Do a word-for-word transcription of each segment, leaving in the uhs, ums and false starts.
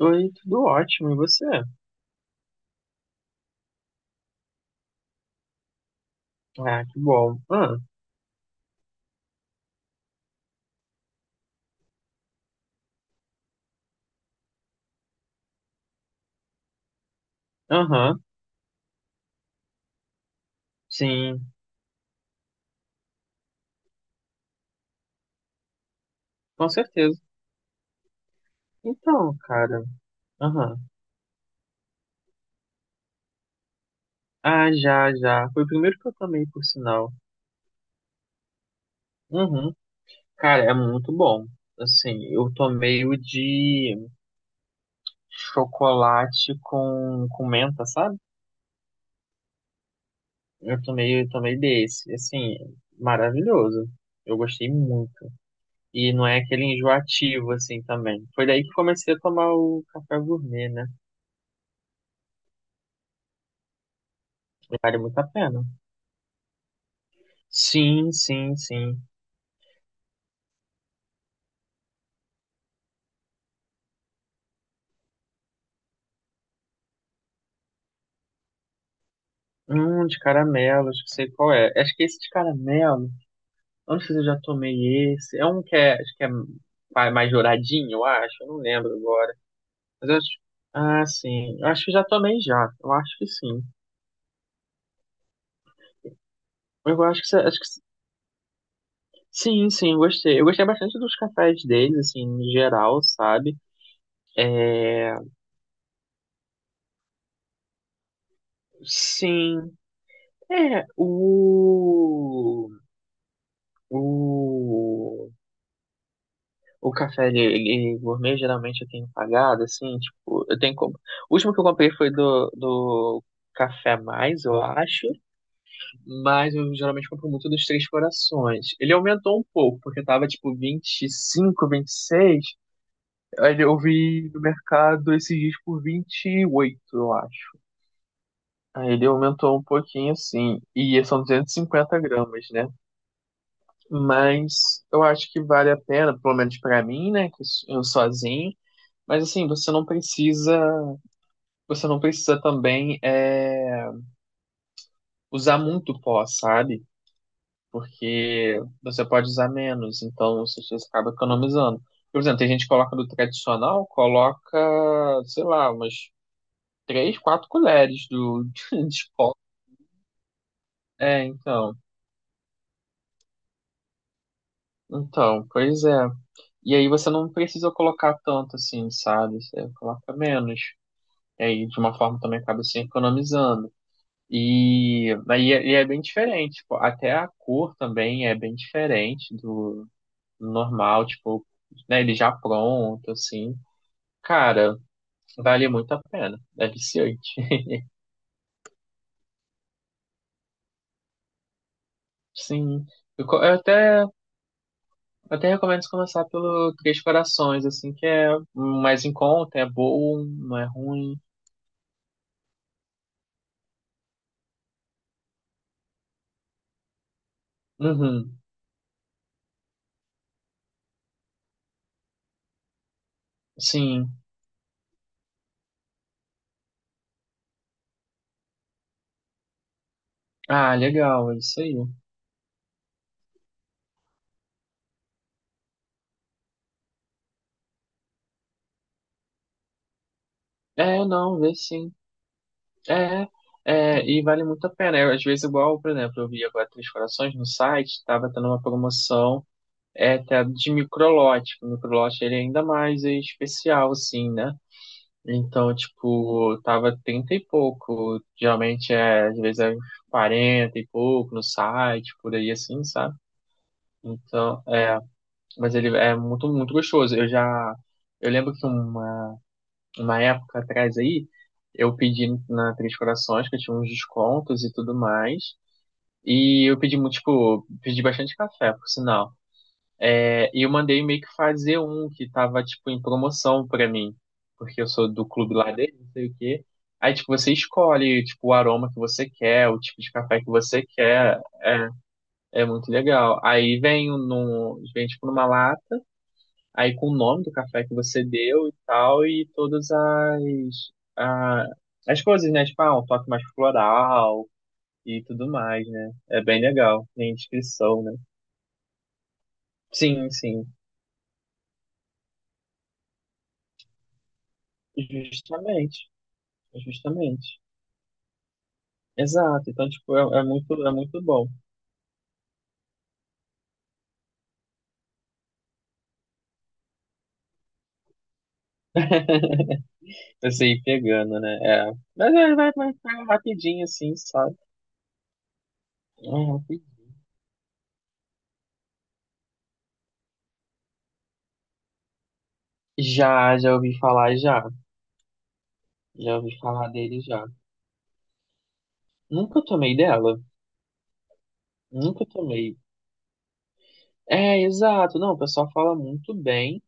Oi, tudo ótimo, e você? Ah, que bom. Ah, aham, sim, com certeza. Então, cara, aham. Ah, já, já. Foi o primeiro que eu tomei, por sinal. Uhum. Cara, é muito bom. Assim, eu tomei o de chocolate com, com menta, sabe? Eu tomei, eu tomei desse. Assim, maravilhoso. Eu gostei muito. E não é aquele enjoativo, assim, também. Foi daí que comecei a tomar o café gourmet, né? Vale muito a pena. Sim, sim, sim. Hum, de caramelo, acho que sei qual é. Acho que esse de caramelo, eu não sei se eu já tomei esse. É um que é, acho que é ma- mais douradinho, eu acho. Eu não lembro agora. Mas eu acho. Ah, sim. Eu acho que já tomei já. Eu acho que sim. Eu acho que, se- acho que se- sim, sim, eu gostei. Eu gostei bastante dos cafés deles, assim, em geral, sabe? É, sim. É, o. O. O café ele, ele- gourmet geralmente eu tenho pagado, assim, tipo, eu tenho como. O último que eu comprei foi do, do Café Mais, eu acho, mas eu geralmente compro muito dos Três Corações. Ele aumentou um pouco, porque tava tipo vinte vinte e cinco vinte e seis aí eu vi no mercado esses dias por vinte e oito eu acho. Aí ele aumentou um pouquinho, assim, e são duzentos e cinquenta gramas, né? Mas eu acho que vale a pena, pelo menos pra mim, né, que eu sozinho. Mas assim, você não precisa, você não precisa também é, usar muito pó, sabe? Porque você pode usar menos, então você acaba economizando. Por exemplo, tem gente que coloca do tradicional, coloca, sei lá, umas três, quatro colheres do, de pó. É, então. Então, pois é. E aí você não precisa colocar tanto assim, sabe? Você coloca menos. E aí, de uma forma, também acaba se economizando. E, aí é, e é bem diferente, tipo, até a cor também é bem diferente do do normal, tipo, né, ele já pronto, assim. Cara, vale muito a pena, é viciante. Sim, eu, co- eu até, até recomendo você começar pelo Três Corações, assim, que é um mais em conta, é bom, não é ruim. Uhum, sim. Ah, legal, é isso aí. É, não, vê sim. É, é, e vale muito a pena. Eu, às vezes, igual, por exemplo, eu vi agora Três Corações no site, estava tendo uma promoção é, até de microlote. O microlote ele é ainda mais especial, assim, né? Então, tipo, tava trinta e pouco. Geralmente é, às vezes é quarenta e pouco no site, por aí assim, sabe? Então, é, mas ele é muito, muito gostoso. Eu já, eu lembro que uma uma época atrás aí, eu pedi na Três Corações, que eu tinha uns descontos e tudo mais. E eu pedi muito, tipo, pedi bastante café, por sinal. É, e eu mandei meio que fazer um que tava, tipo, em promoção pra mim. Porque eu sou do clube lá dele, não sei o quê. Aí, tipo, você escolhe, tipo, o aroma que você quer, o tipo de café que você quer. É, é muito legal. Aí vem, um num, vem tipo, numa lata aí com o nome do café que você deu e tal, e todas as, a- as coisas, né? Tipo, ah, um toque mais floral e tudo mais, né? É bem legal. Tem inscrição, né? Sim, sim. Justamente. Justamente. Exato. Então, tipo, é, é muito, é muito bom. Você ir pegando, né? É. Mas é, vai, vai, vai rapidinho, assim, sabe? É rapidinho. Já, já ouvi falar já. Já ouvi falar dele já. Nunca tomei dela. Nunca tomei. É, exato. Não, o pessoal fala muito bem.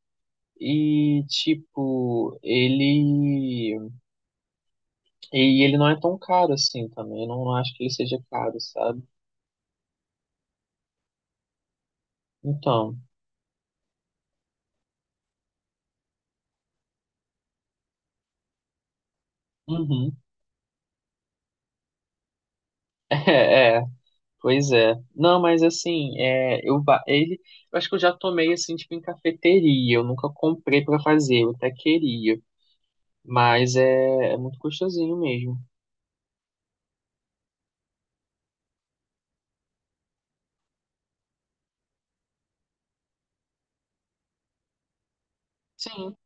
E, tipo, ele. E ele não é tão caro assim também. Eu não acho que ele seja caro, sabe? Então. Uhum. É, é, pois é. Não, mas assim, é, eu, ba- ele, eu acho que eu já tomei assim, tipo, em cafeteria. Eu nunca comprei pra fazer, eu até queria. Mas é, é muito gostosinho mesmo. Sim,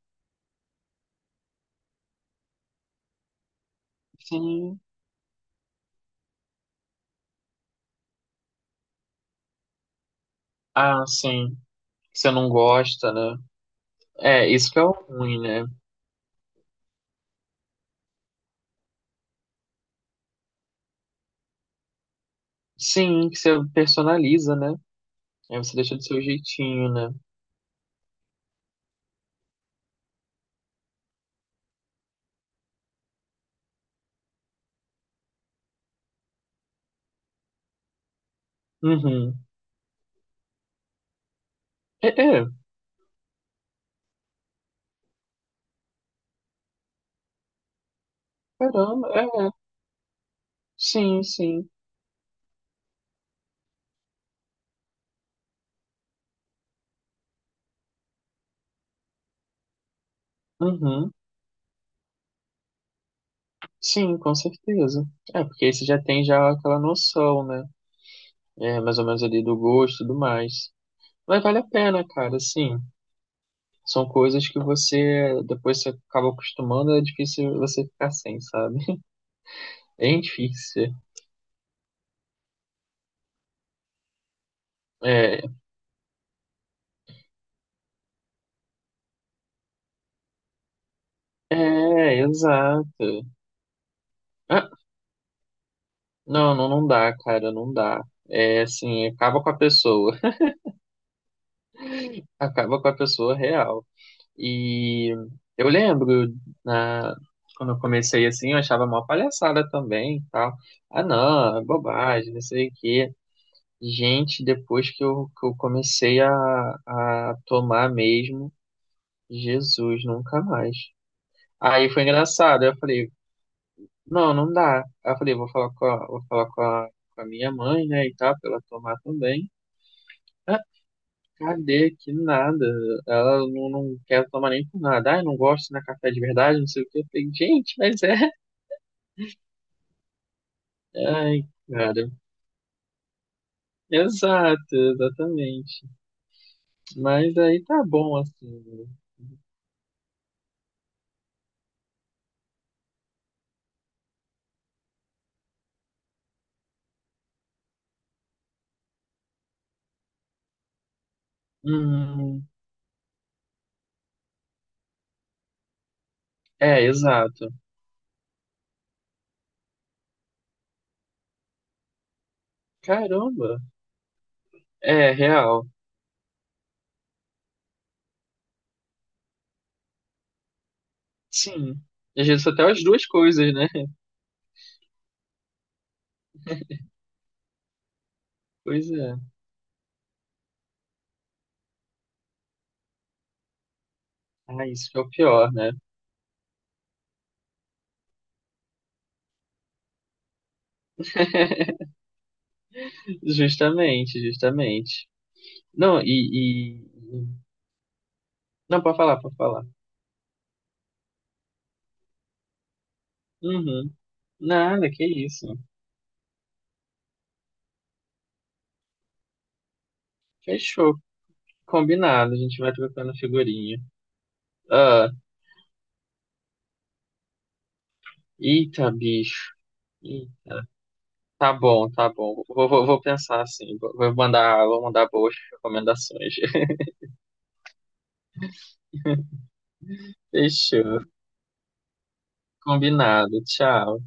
sim. Ah, sim. Você não gosta, né? É, isso que é o ruim, né? Sim, que você personaliza, né? Aí você deixa do seu jeitinho, né? Uhum. É, é, caramba, é, é. Sim, sim. Uhum. Sim, com certeza. É, porque aí você já tem já aquela noção, né? É, mais ou menos ali do gosto e tudo mais. Mas vale a pena, cara, sim. São coisas que você, depois você acaba acostumando, é difícil você ficar sem, sabe? É difícil. É, é, exato. Ah, Não, não, não dá, cara, não dá. É assim, acaba com a pessoa, acaba com a pessoa real. E eu lembro na quando eu comecei assim, eu achava mó palhaçada também, e tal. Ah, não, é bobagem, não sei o quê. Gente, depois que eu, que eu comecei a, a tomar mesmo, Jesus, nunca mais. Aí foi engraçado, eu falei, não, não dá. Aí eu falei, vou falar com a, vou falar com a, com a minha mãe, né, e tal, pra ela tomar também. Cadê? Que nada. Ela não, não quer tomar nem por nada. Ai, não gosto de café de verdade, não sei o quê. Eu falei, gente, mas é. Ai, cara. Exato, exatamente. Mas aí tá bom, assim, né? Hum, é, exato. Caramba. É, real. Sim. Às vezes até as duas coisas, né? Pois é. Ah, isso que é o pior, né? Justamente, justamente. Não, e, e- Não, pode falar, pode falar. Uhum. Nada, que isso. Fechou. Combinado. A gente vai trocando figurinha. Ah, eita, bicho. Eita. Tá bom, tá bom. Vou, vou, vou pensar assim. Vou vou mandar, vou mandar boas recomendações. Fechou. Combinado. Tchau.